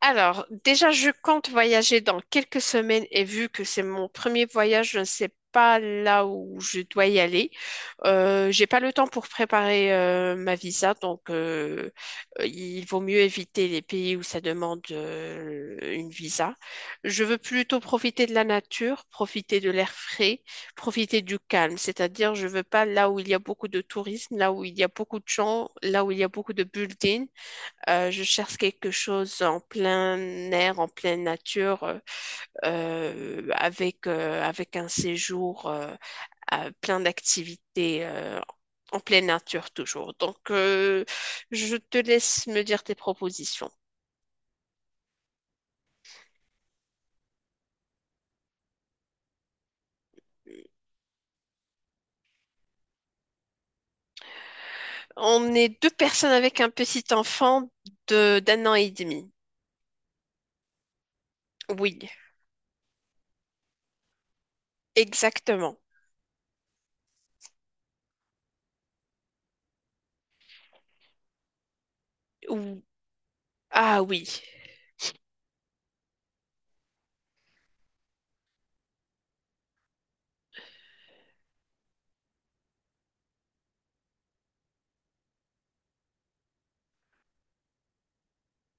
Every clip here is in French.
Alors, déjà, je compte voyager dans quelques semaines et vu que c'est mon premier voyage, je ne sais pas là où je dois y aller. J'ai pas le temps pour préparer ma visa, donc il vaut mieux éviter les pays où ça demande une visa. Je veux plutôt profiter de la nature, profiter de l'air frais, profiter du calme. C'est-à-dire, je veux pas là où il y a beaucoup de tourisme, là où il y a beaucoup de gens, là où il y a beaucoup de buildings. Je cherche quelque chose en plein air, en pleine nature, avec, avec un séjour à plein d'activités en pleine nature toujours. Donc, je te laisse me dire tes propositions. On est deux personnes avec un petit enfant de d'un an et demi. Oui, exactement. Ou- Ah oui,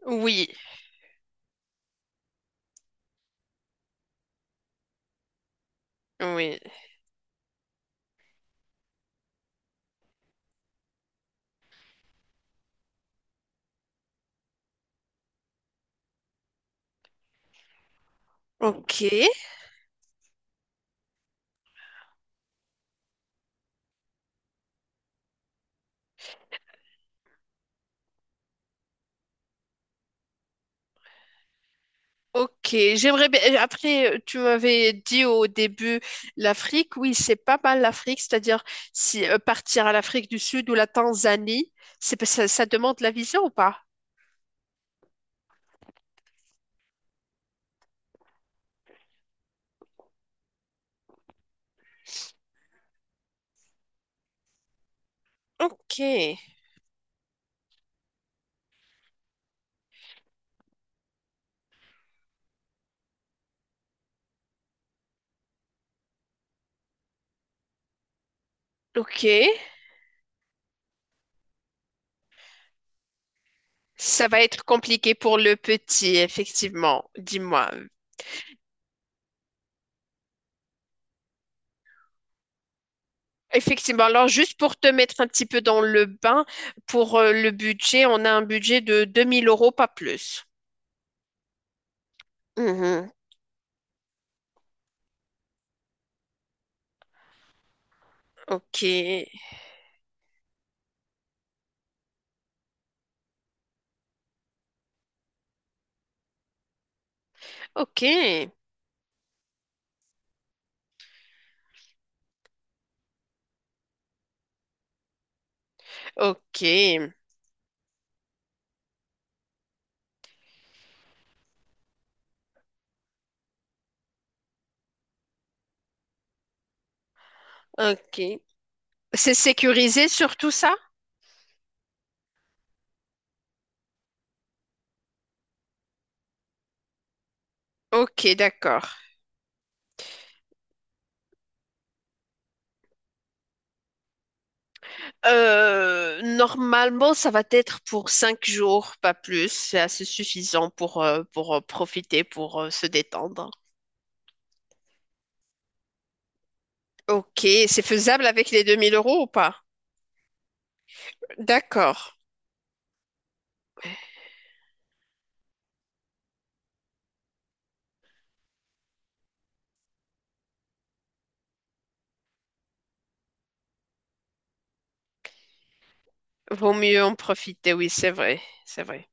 oui, oui. Ok. Ok, j'aimerais bien. Après, tu m'avais dit au début l'Afrique. Oui, c'est pas mal l'Afrique, c'est-à-dire si partir à l'Afrique du Sud ou la Tanzanie, c'est pas- ça demande la visa ou pas? Ok, ok. Ça va être compliqué pour le petit, effectivement. Dis-moi. Effectivement. Alors, juste pour te mettre un petit peu dans le bain, pour le budget, on a un budget de 2000 euros, pas plus. Mhm. Ok, ok, ok, ok. C'est sécurisé sur tout ça? Ok, d'accord. Normalement, ça va être pour 5 jours, pas plus. C'est assez suffisant pour profiter, pour se détendre. Ok, c'est faisable avec les 2000 € ou pas? D'accord. Vaut mieux en profiter, oui, c'est vrai, c'est vrai.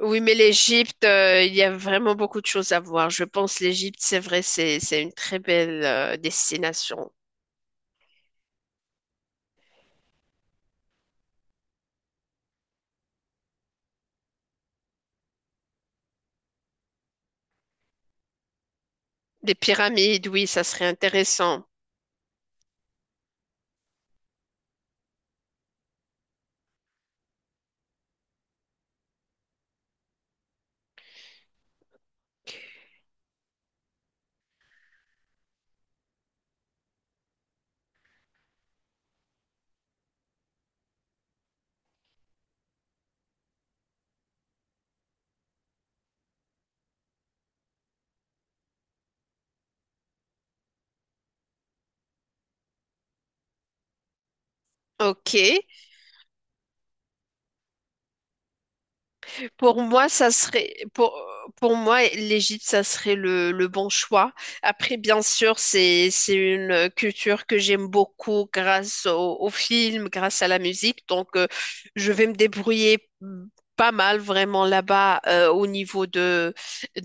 Oui, mais l'Égypte, il y a vraiment beaucoup de choses à voir. Je pense l'Égypte, c'est vrai, c'est une très belle destination. Des pyramides, oui, ça serait intéressant. Ok. Pour moi, ça serait pour moi, l'Égypte, ça serait le bon choix. Après, bien sûr, c'est une culture que j'aime beaucoup grâce au film, grâce à la musique. Donc, je vais me débrouiller pas mal vraiment là-bas au niveau de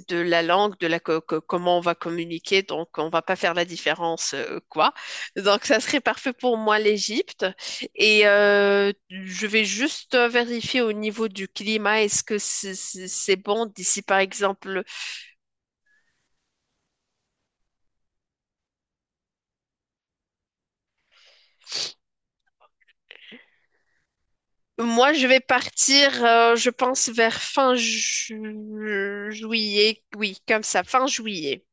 de la langue, de la comment on va communiquer. Donc, on va pas faire la différence quoi. Donc, ça serait parfait pour moi l'Égypte. Et je vais juste vérifier au niveau du climat, est-ce que c'est bon d'ici, par exemple. Moi, je vais partir, je pense, vers fin juillet. Oui, comme ça, fin juillet.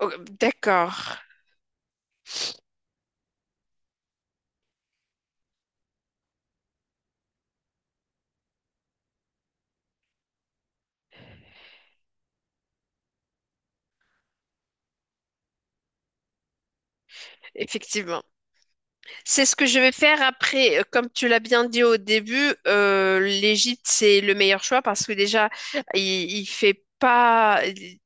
Oh, d'accord, effectivement. C'est ce que je vais faire après. Comme tu l'as bien dit au début, l'Égypte, c'est le meilleur choix parce que déjà, il, il fait pas. Il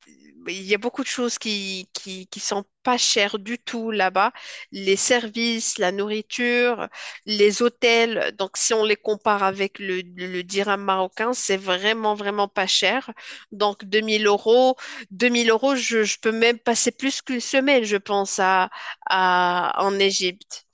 il y a beaucoup de choses qui sont pas chères du tout là-bas. Les services, la nourriture, les hôtels. Donc, si on les compare avec le dirham marocain, c'est vraiment, vraiment pas cher. Donc, 2000 euros, 2000 euros, je peux même passer plus qu'une semaine, je pense, en Égypte.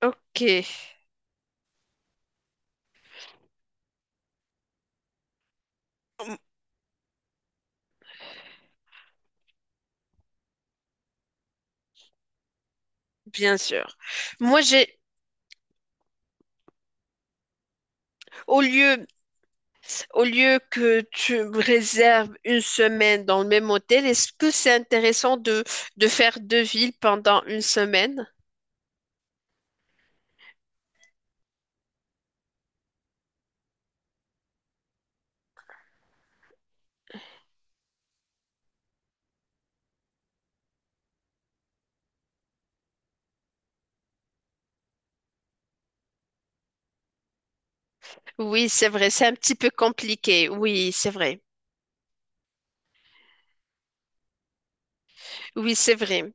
Ok, bien sûr. Moi, j'ai au lieu au lieu que tu me réserves une semaine dans le même hôtel, est-ce que c'est intéressant de faire deux villes pendant une semaine? Oui, c'est vrai, c'est un petit peu compliqué. Oui, c'est vrai. Oui, c'est vrai.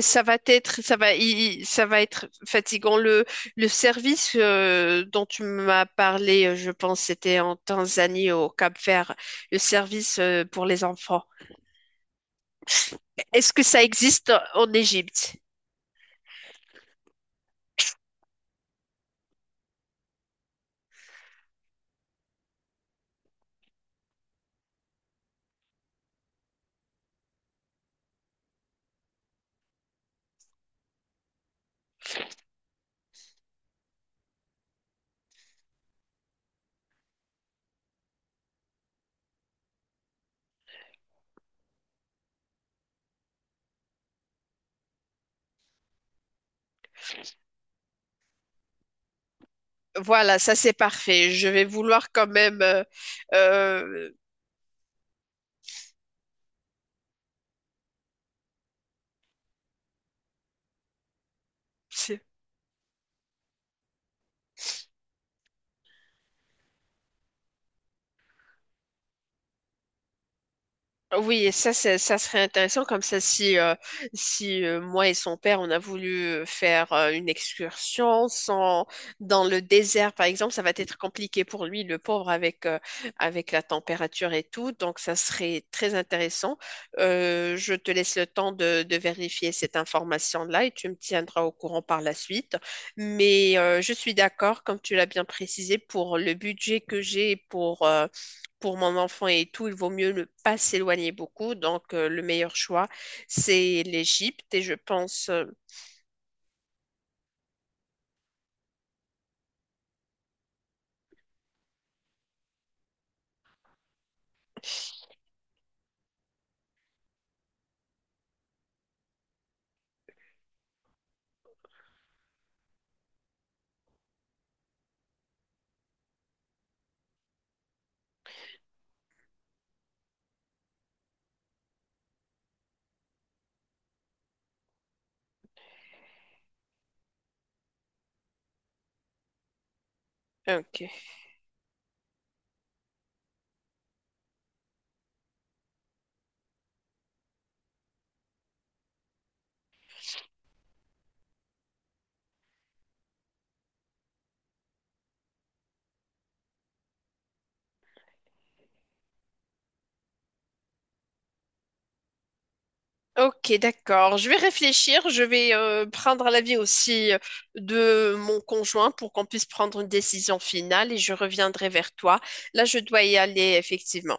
Ça va être ça va i- i- Ça va être fatigant. Le service dont tu m'as parlé, je pense, c'était en Tanzanie, au Cap-Vert, le service pour les enfants. Est-ce que ça existe en Égypte? Voilà, ça c'est parfait. Je vais vouloir quand même euh, Oui, et ça, ça serait intéressant comme ça si moi et son père, on a voulu faire une excursion sans, dans le désert, par exemple, ça va être compliqué pour lui, le pauvre, avec, avec la température et tout. Donc, ça serait très intéressant. Je te laisse le temps de vérifier cette information-là et tu me tiendras au courant par la suite. Mais je suis d'accord, comme tu l'as bien précisé, pour le budget que j'ai pour mon enfant et tout, il vaut mieux ne pas s'éloigner beaucoup. Donc, le meilleur choix, c'est l'Égypte. Et je pense. Ok. Ok, d'accord. Je vais réfléchir. Je vais prendre l'avis aussi de mon conjoint pour qu'on puisse prendre une décision finale et je reviendrai vers toi. Là, je dois y aller, effectivement.